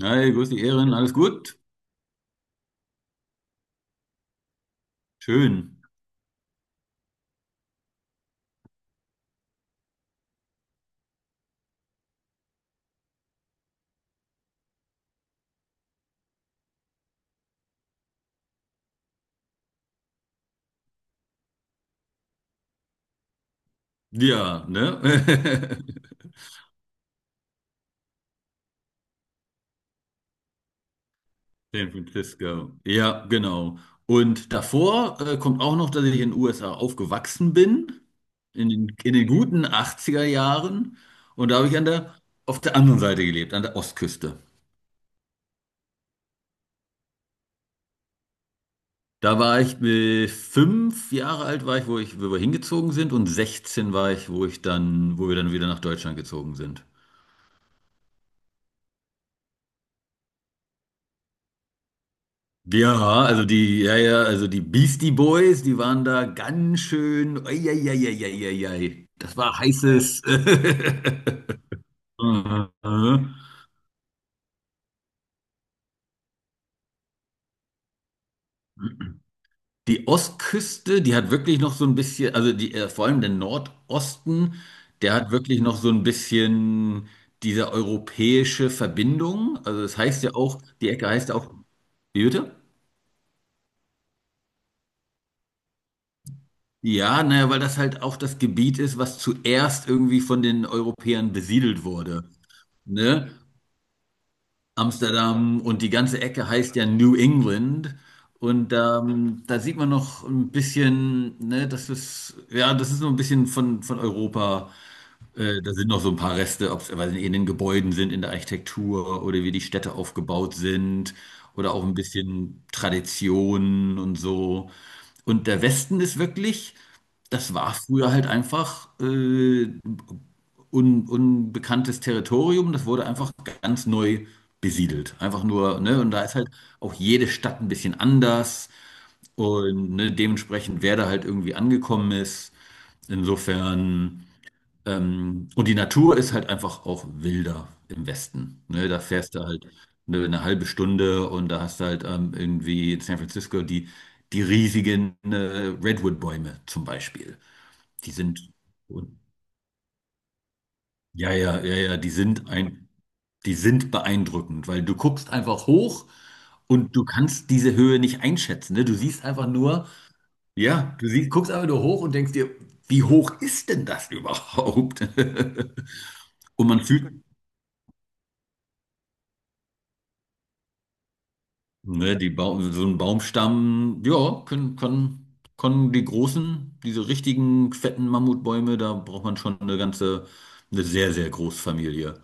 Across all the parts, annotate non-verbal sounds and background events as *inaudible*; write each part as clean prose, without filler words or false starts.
Hi, grüß dich, Ehren, alles gut? Schön. Ja, ne? *laughs* San Francisco. Ja, genau. Und davor kommt auch noch, dass ich in den USA aufgewachsen bin, in den guten 80er Jahren. Und da habe ich an der, auf der anderen Seite gelebt, an der Ostküste. Da war ich mit fünf Jahre alt, war ich, wo wir hingezogen sind, und 16 war ich, wo ich dann, wo wir dann wieder nach Deutschland gezogen sind. Ja, also die, ja, ja, also die Beastie Boys, die waren da ganz schön. Ei, ei, ei, ei, ei, ei, ei. Das war heißes. *laughs* Die Ostküste, die hat wirklich noch so ein bisschen, also die, vor allem der Nordosten, der hat wirklich noch so ein bisschen diese europäische Verbindung. Also das heißt ja auch, die Ecke heißt ja auch, wie bitte? Ja, naja, weil das halt auch das Gebiet ist, was zuerst irgendwie von den Europäern besiedelt wurde. Ne? Amsterdam und die ganze Ecke heißt ja New England. Und da sieht man noch ein bisschen, ne, das ist, ja, das ist so ein bisschen von Europa. Da sind noch so ein paar Reste, ob es weiß nicht, in den Gebäuden sind, in der Architektur oder wie die Städte aufgebaut sind oder auch ein bisschen Traditionen und so. Und der Westen ist wirklich, das war früher halt einfach unbekanntes Territorium, das wurde einfach ganz neu besiedelt. Einfach nur, ne, und da ist halt auch jede Stadt ein bisschen anders und ne, dementsprechend, wer da halt irgendwie angekommen ist. Insofern, und die Natur ist halt einfach auch wilder im Westen. Ne? Da fährst du halt eine halbe Stunde und da hast du halt irgendwie in San Francisco die, die riesigen Redwood-Bäume zum Beispiel. Die sind ja, ja, ja, ja, die sind die sind beeindruckend, weil du guckst einfach hoch und du kannst diese Höhe nicht einschätzen. Ne? Du siehst einfach nur, ja, guckst einfach nur hoch und denkst dir, wie hoch ist denn das überhaupt? *laughs* Und man fühlt, ne, so ein Baumstamm, ja, können die großen, diese richtigen fetten Mammutbäume, da braucht man schon eine sehr, sehr große Familie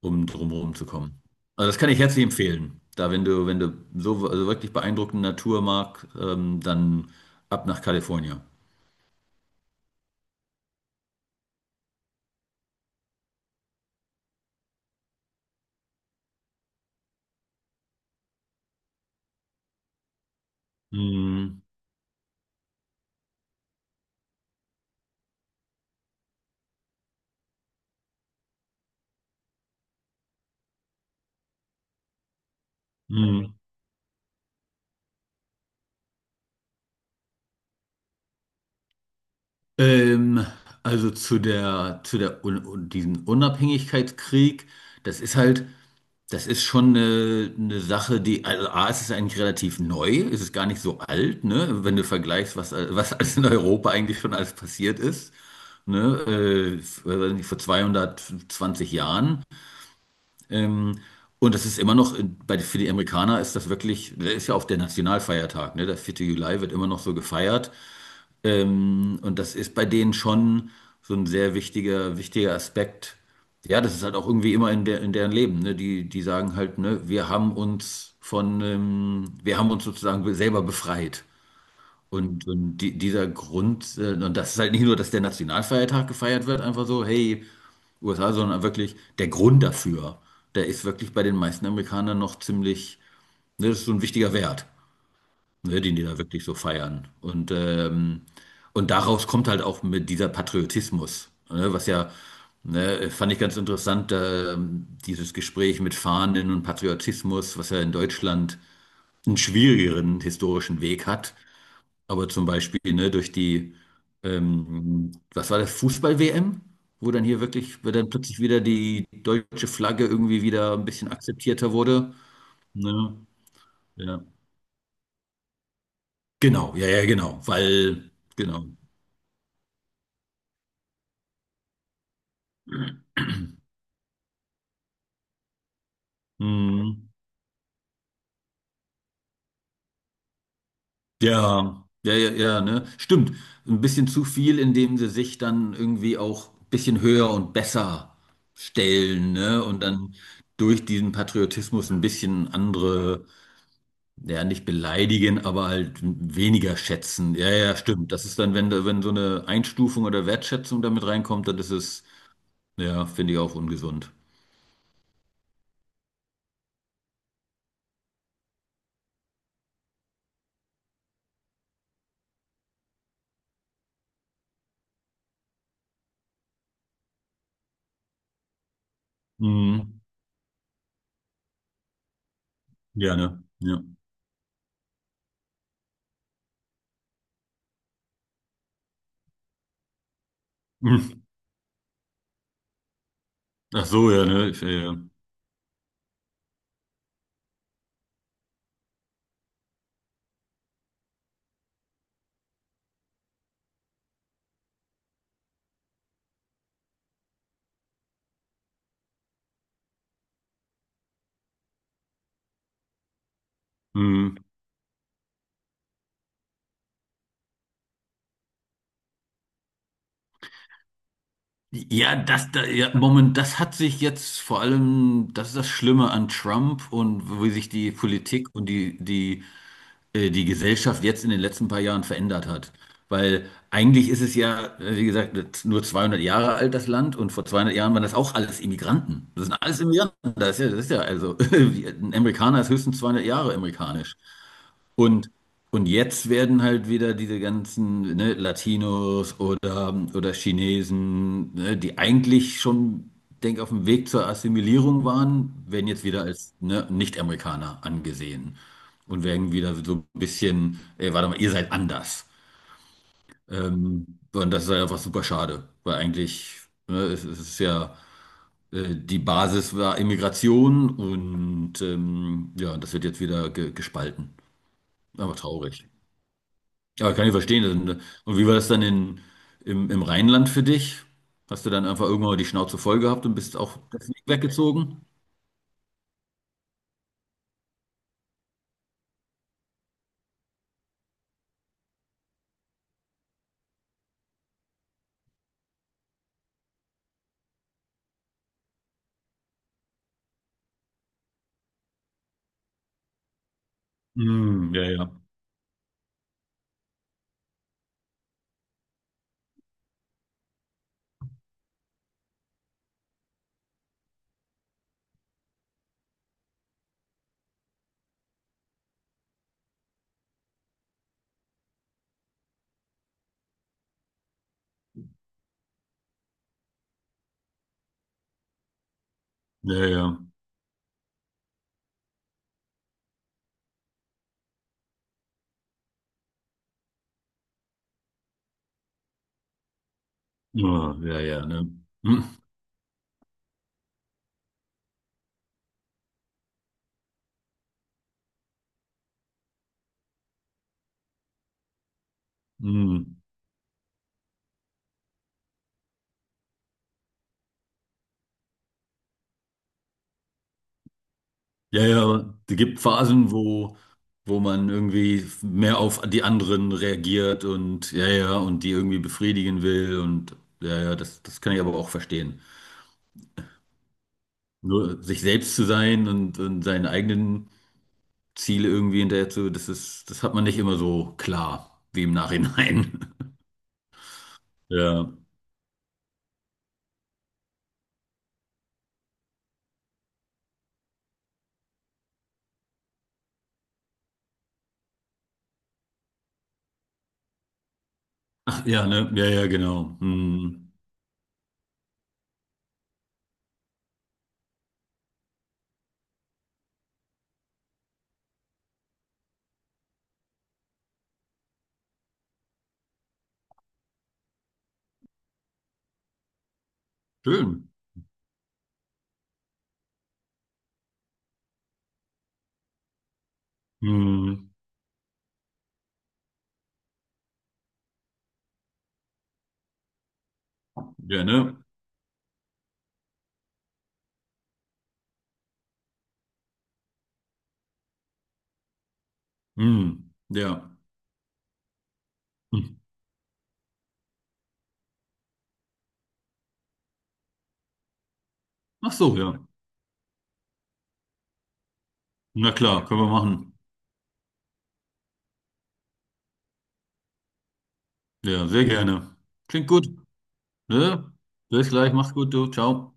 um drumherum zu kommen. Also das kann ich herzlich empfehlen. Da, wenn du so also wirklich beeindruckende Natur magst, dann ab nach Kalifornien. Mhm. Mhm. Ähm, also zu der, diesen Unabhängigkeitskrieg, das ist halt, das ist schon eine Sache, die, also A, es ist eigentlich relativ neu, es ist gar nicht so alt, ne, wenn du vergleichst, was, was alles in Europa eigentlich schon alles passiert ist, ne, weiß nicht, vor 220 Jahren. Ähm, und das ist immer noch, bei, für die Amerikaner ist das wirklich, das ist ja auch der Nationalfeiertag, ne? Der 4. Juli wird immer noch so gefeiert. Und das ist bei denen schon so ein sehr wichtiger, wichtiger Aspekt. Ja, das ist halt auch irgendwie immer in, der, in deren Leben, ne? Die, die sagen halt, ne, wir haben uns von, wir haben uns sozusagen selber befreit. Und die, dieser Grund, und das ist halt nicht nur, dass der Nationalfeiertag gefeiert wird, einfach so, hey, USA, sondern wirklich der Grund dafür. Der ist wirklich bei den meisten Amerikanern noch ziemlich, ne, das ist so ein wichtiger Wert, ne, den die da wirklich so feiern. Und daraus kommt halt auch mit dieser Patriotismus, ne, was ja, ne, fand ich ganz interessant, dieses Gespräch mit Fahnen und Patriotismus, was ja in Deutschland einen schwierigeren historischen Weg hat. Aber zum Beispiel, ne, durch die, was war das, Fußball-WM, wo dann hier wirklich, wo dann plötzlich wieder die deutsche Flagge irgendwie wieder ein bisschen akzeptierter wurde. Ne? Ja. Genau, ja, ja, genau, weil, genau. Mhm. Ja, ja, ja, ja, ne? Stimmt. Ein bisschen zu viel, indem sie sich dann irgendwie auch ein bisschen höher und besser stellen, ne? Und dann durch diesen Patriotismus ein bisschen andere. Ja, nicht beleidigen, aber halt weniger schätzen. Ja, ja, stimmt. Das ist dann, wenn, wenn so eine Einstufung oder Wertschätzung damit reinkommt, dann ist es, ja, finde ich auch ungesund. Mhm. Ja, ne? Ja. *laughs* Mhm. Ach so, ja, ne? Ich, ja. Mhm. Ja, das, da, ja, Moment, das hat sich jetzt vor allem, das ist das Schlimme an Trump und wie sich die Politik und die, die die Gesellschaft jetzt in den letzten paar Jahren verändert hat. Weil eigentlich ist es ja, wie gesagt, nur 200 Jahre alt, das Land, und vor 200 Jahren waren das auch alles Immigranten. Das sind alles Immigranten. Das ist ja also, *laughs* ein Amerikaner ist höchstens 200 Jahre amerikanisch. Und, und jetzt werden halt wieder diese ganzen, ne, Latinos oder Chinesen, ne, die eigentlich schon, denk, auf dem Weg zur Assimilierung waren, werden jetzt wieder als, ne, Nicht-Amerikaner angesehen. Und werden wieder so ein bisschen, ey, warte mal, ihr seid anders. Und das ist halt einfach super schade, weil eigentlich, ne, es ist ja, die Basis war Immigration und ja, das wird jetzt wieder ge gespalten. Aber traurig. Ja, kann ich verstehen. Und wie war das dann in, im, im Rheinland für dich? Hast du dann einfach irgendwann mal die Schnauze voll gehabt und bist auch deswegen weggezogen? Hm, ja, ja. Ja, ja. Ja, ja, ja, ne? Hm, hm. Ja, ja, aber es gibt Phasen, wo, wo man irgendwie mehr auf die anderen reagiert und ja, ja, und die irgendwie befriedigen will und ja, ja, das, das kann ich aber auch verstehen. Nur sich selbst zu sein und seinen eigenen Ziele irgendwie hinterher zu, das ist, das hat man nicht immer so klar wie im Nachhinein. *laughs* Ja, ach ja, ne, ja, ja, genau. Hm. Schön. Hm. Ja, ne? Hm. Ja. Hm. Ach so, ja. Na klar, können wir machen. Ja, sehr gerne. Klingt gut. Ne? Bis gleich, mach's gut, du. Ciao.